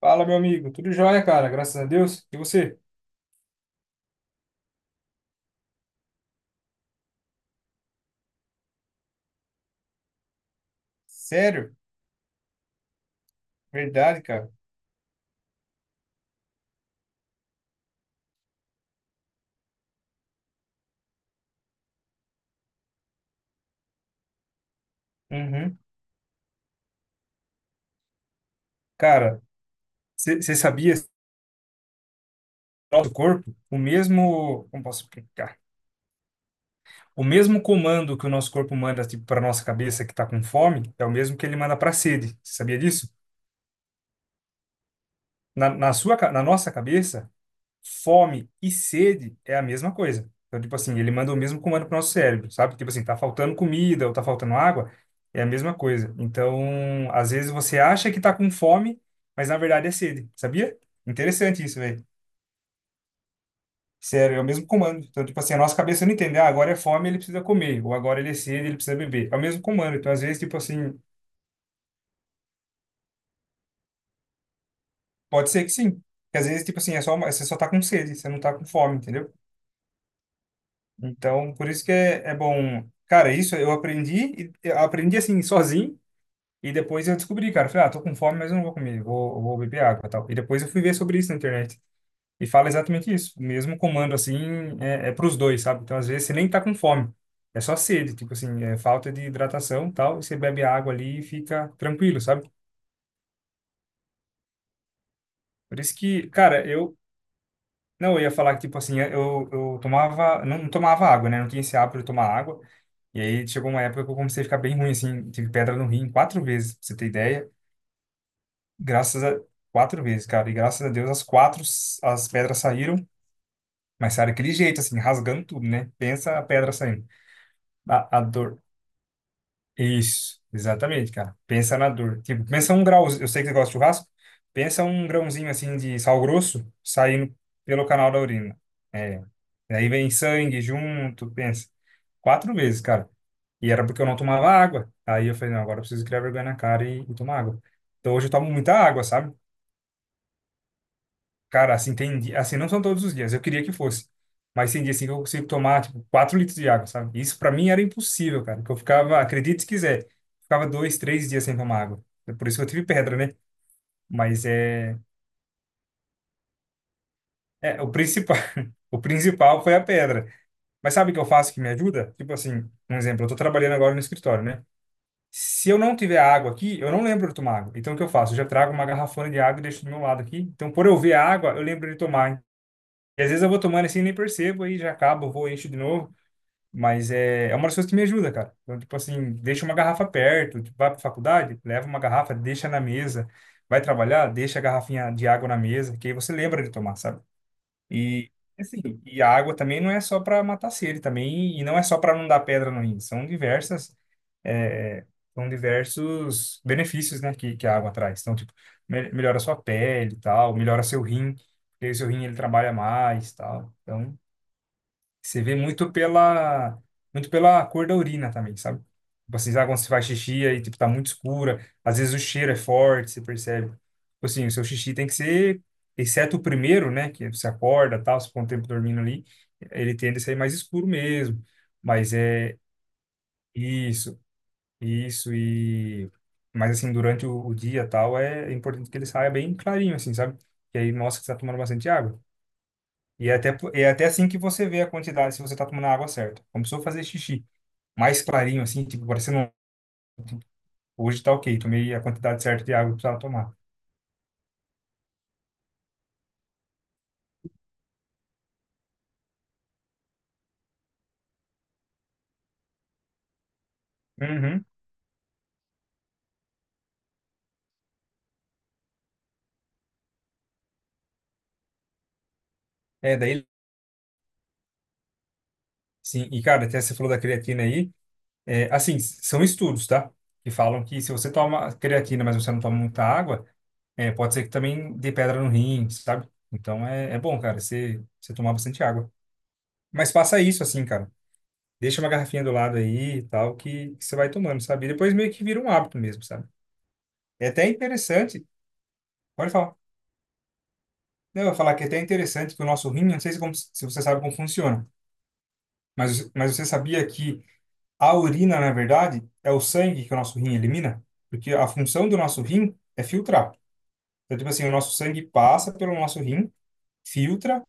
Fala, meu amigo. Tudo jóia, cara. Graças a Deus. E você? Sério? Verdade, cara. Uhum. Cara, você sabia que o nosso corpo, o mesmo, como posso explicar? O mesmo comando que o nosso corpo manda tipo para nossa cabeça que tá com fome, é o mesmo que ele manda para sede. Você sabia disso? Na nossa cabeça. Fome e sede é a mesma coisa. Então, tipo assim, ele manda o mesmo comando pro nosso cérebro, sabe? Tipo assim, tá faltando comida ou tá faltando água, é a mesma coisa. Então, às vezes você acha que tá com fome, mas na verdade é sede, sabia? Interessante isso, velho. Sério, é o mesmo comando. Então, tipo assim, a nossa cabeça não entende, ah, agora é fome, ele precisa comer, ou agora ele é sede, ele precisa beber. É o mesmo comando. Então, às vezes, tipo assim, pode ser que sim. Que às vezes, tipo assim, é só, você só tá com sede, você não tá com fome, entendeu? Então, por isso que é bom. Cara, isso eu aprendi, eu aprendi assim, sozinho, e depois eu descobri, cara. Eu falei, ah, tô com fome, mas eu não vou comer, vou beber água e tal. E depois eu fui ver sobre isso na internet. E fala exatamente isso. O mesmo comando, assim, é pros dois, sabe? Então, às vezes, você nem tá com fome. É só sede, tipo assim, é falta de hidratação e tal. E você bebe água ali e fica tranquilo, sabe? Por isso que, cara, eu. Não, eu ia falar que, tipo assim, eu tomava. Não, não tomava água, né? Não tinha esse hábito de tomar água. E aí chegou uma época que eu comecei a ficar bem ruim, assim. Tive pedra no rim quatro vezes, pra você ter ideia. Graças a... Quatro vezes, cara. E graças a Deus as quatro, as pedras saíram. Mas saíram daquele jeito, assim, rasgando tudo, né? Pensa a pedra saindo. A dor, isso, exatamente, cara. Pensa na dor. Tipo, pensa um grauzinho. Eu sei que você gosta de churrasco. Pensa um grãozinho assim de sal grosso saindo pelo canal da urina. É. Aí vem sangue junto, pensa. Quatro vezes, cara. E era porque eu não tomava água. Aí eu falei, não, agora eu preciso criar vergonha na cara e tomar água. Então hoje eu tomo muita água, sabe? Cara, assim, tem, assim, não são todos os dias, eu queria que fosse. Mas tem dia assim que eu consigo tomar, tipo, 4 litros de água, sabe? Isso pra mim era impossível, cara, porque eu ficava, acredite se quiser, ficava 2, 3 dias sem tomar água. É por isso que eu tive pedra, né? Mas é o principal, o principal foi a pedra. Mas sabe o que eu faço que me ajuda? Tipo assim, um exemplo, eu tô trabalhando agora no escritório, né? Se eu não tiver água aqui, eu não lembro de tomar água. Então o que eu faço? Eu já trago uma garrafona de água e deixo do meu lado aqui. Então, por eu ver a água, eu lembro de tomar. E às vezes eu vou tomando assim nem percebo, aí já acabo, vou, encho de novo. Mas é uma das coisas que me ajuda, cara. Então, tipo assim, deixa uma garrafa perto, tipo, vai pra faculdade, leva uma garrafa, deixa na mesa. Vai trabalhar, deixa a garrafinha de água na mesa, que aí você lembra de tomar, sabe? E assim, e a água também não é só para matar sede também, e não é só para não dar pedra no rim, é, são diversos benefícios, né, que a água traz. Então, tipo, melhora a sua pele e tal, melhora seu rim, porque o seu rim ele trabalha mais, e tal. Então, você vê muito pela cor da urina também, sabe? Tipo assim, sabe quando você faz xixi aí, tipo, tá muito escura. Às vezes o cheiro é forte, você percebe. Tipo assim, o seu xixi tem que ser, exceto o primeiro, né? Que você acorda, tal, você ficou um tempo dormindo ali, ele tende a sair mais escuro mesmo. Mas é isso, isso e... Mas assim, durante o dia, tal, é importante que ele saia bem clarinho, assim, sabe? Que aí mostra que você tá tomando bastante água. E é até assim que você vê a quantidade, se você tá tomando a água certa. Começou a fazer xixi mais clarinho, assim, tipo, parecendo, hoje tá ok, tomei a quantidade certa de água que precisava tomar. Uhum. É, daí, sim. E, cara, até você falou da creatina aí, é, assim, são estudos, tá? Que falam que se você toma creatina, mas você não toma muita água, pode ser que também dê pedra no rim, sabe? Então, é bom, cara, você tomar bastante água. Mas faça isso, assim, cara. Deixa uma garrafinha do lado aí e tal, que você vai tomando, sabe? E depois meio que vira um hábito mesmo, sabe? É até interessante. Pode falar. Não, eu vou falar que é até interessante que o nosso rim, eu não sei se, se você sabe como funciona, mas você sabia que a urina, na verdade, é o sangue que o nosso rim elimina? Porque a função do nosso rim é filtrar. Então, tipo assim, o nosso sangue passa pelo nosso rim, filtra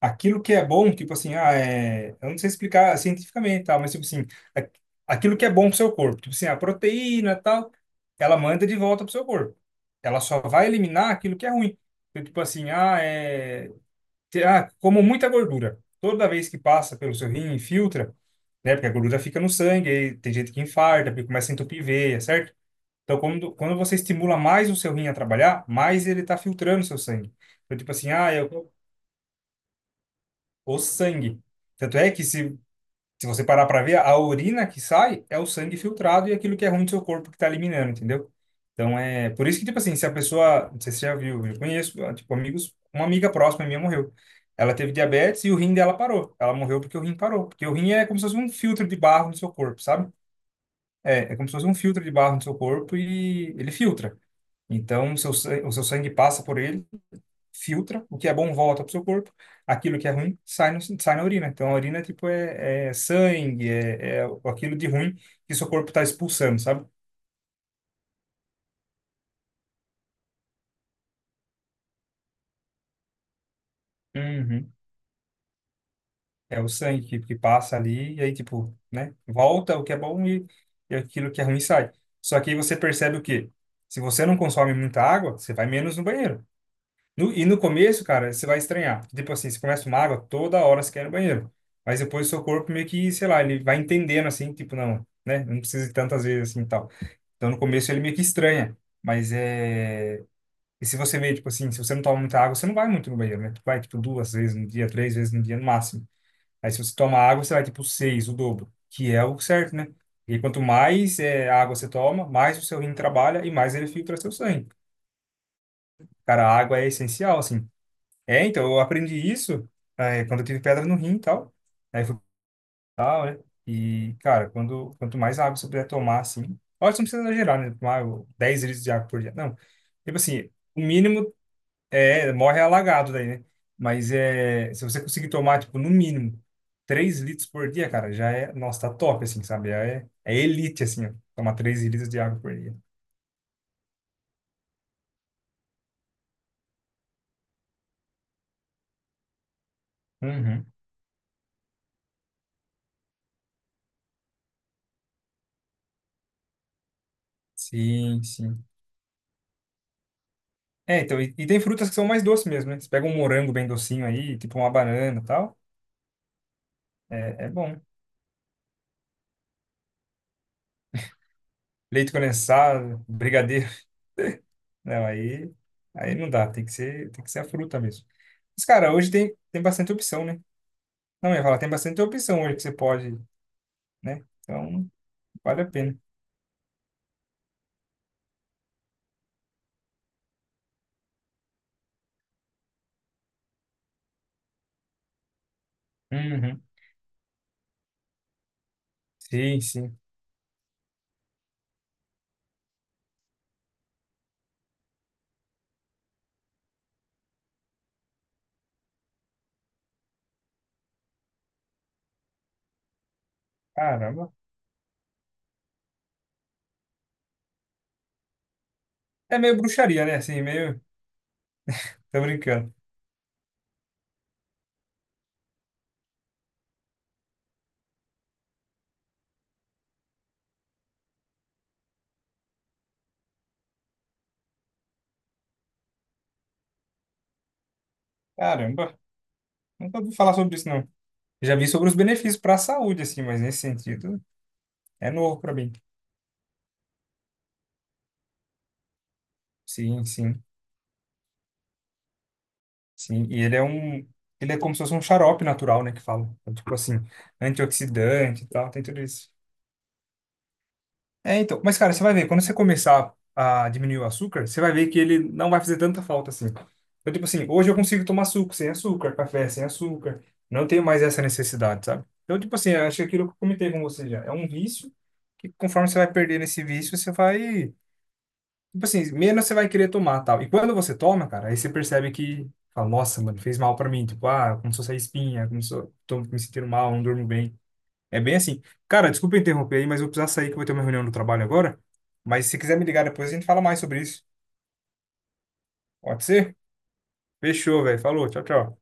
aquilo que é bom, tipo assim, ah, é, eu não sei explicar cientificamente, e tal, mas tipo assim, a- aquilo que é bom pro seu corpo, tipo assim, a proteína, e tal, ela manda de volta pro seu corpo. Ela só vai eliminar aquilo que é ruim. Então, tipo assim, ah, como muita gordura. Toda vez que passa pelo seu rim e filtra, né, porque a gordura fica no sangue, aí tem gente que infarta, porque começa a entupir veia, certo? Então, quando você estimula mais o seu rim a trabalhar, mais ele está filtrando o seu sangue. Então, tipo assim, ah, eu o sangue. Tanto é que se você parar para ver, a urina que sai é o sangue filtrado e aquilo que é ruim do seu corpo que está eliminando, entendeu? Então é por isso que, tipo assim, se a pessoa, não sei se você já viu, eu conheço, ah, tipo, amigos, uma amiga próxima minha morreu. Ela teve diabetes e o rim dela parou. Ela morreu porque o rim parou. Porque o rim é como se fosse um filtro de barro no seu corpo, sabe? É como se fosse um filtro de barro no seu corpo e ele filtra. Então, o seu sangue passa por ele, filtra, o que é bom volta para o seu corpo, aquilo que é ruim sai, no, sai na urina. Então a urina tipo é sangue, é aquilo de ruim que seu corpo está expulsando, sabe? Uhum. É o sangue que passa ali e aí tipo, né? Volta o que é bom e aquilo que é ruim sai. Só que aí você percebe o quê? Se você não consome muita água, você vai menos no banheiro. E no começo, cara, você vai estranhar. Tipo assim, você começa uma água, toda hora você quer ir no banheiro. Mas depois o seu corpo meio que, sei lá, ele vai entendendo assim, tipo, não, né? Não precisa ir tantas vezes assim e tal. Então no começo ele meio que estranha. Mas é. E se você vê, tipo assim, se você não toma muita água, você não vai muito no banheiro, né? Tu vai, tipo, duas vezes no dia, três vezes no dia no máximo. Aí se você toma água, você vai, tipo, seis, o dobro, que é o certo, né? E quanto mais água você toma, mais o seu rim trabalha e mais ele filtra seu sangue. Cara, a água é essencial, assim. É, então, eu aprendi isso quando eu tive pedra no rim e tal. Aí eu fui pra tal, né? E, cara, quanto mais água você puder tomar, assim... Óbvio, você não precisa exagerar, né? Tomar o 10 litros de água por dia. Não. Tipo assim, o mínimo é... Morre alagado daí, né? Mas é... Se você conseguir tomar, tipo, no mínimo 3 litros por dia, cara, já é... Nossa, tá top, assim, sabe? É elite, assim, ó. Tomar 3 litros de água por dia. Uhum. Sim, sim. É, então, e tem frutas que são mais doces mesmo, né? Você pega um morango bem docinho aí, tipo uma banana e tal, é bom. Leite condensado, brigadeiro, não, aí não dá, tem que ser a fruta mesmo. Mas, cara, hoje tem bastante opção, né? Não, eu ia falar, tem bastante opção hoje que você pode, né? Então, vale a pena. Uhum. Sim, sim. Caramba. É meio bruxaria, né? Assim, meio... Tô brincando. Caramba, nunca ouvi falar sobre isso, não. Já vi sobre os benefícios para a saúde, assim, mas nesse sentido é novo para mim. Sim, sim. Sim, e ele é um. Ele é como se fosse um xarope natural, né? Que falam. Então, tipo assim, antioxidante e tal, tem tudo isso. É, então. Mas, cara, você vai ver, quando você começar a diminuir o açúcar, você vai ver que ele não vai fazer tanta falta assim. Então, tipo assim, hoje eu consigo tomar suco sem açúcar, café sem açúcar. Não tenho mais essa necessidade, sabe? Então, tipo assim, eu acho que é aquilo que eu comentei com você já é um vício que conforme você vai perdendo esse vício, você vai tipo assim, menos você vai querer tomar, tal. E quando você toma, cara, aí você percebe que, fala, nossa, mano, fez mal pra mim. Tipo, ah, começou a sair espinha, começou, tô me sentindo mal, não durmo bem. É bem assim. Cara, desculpa interromper aí, mas eu vou precisar sair que eu vou ter uma reunião no trabalho agora. Mas se quiser me ligar depois, a gente fala mais sobre isso. Pode ser? Fechou, velho. Falou, tchau, tchau.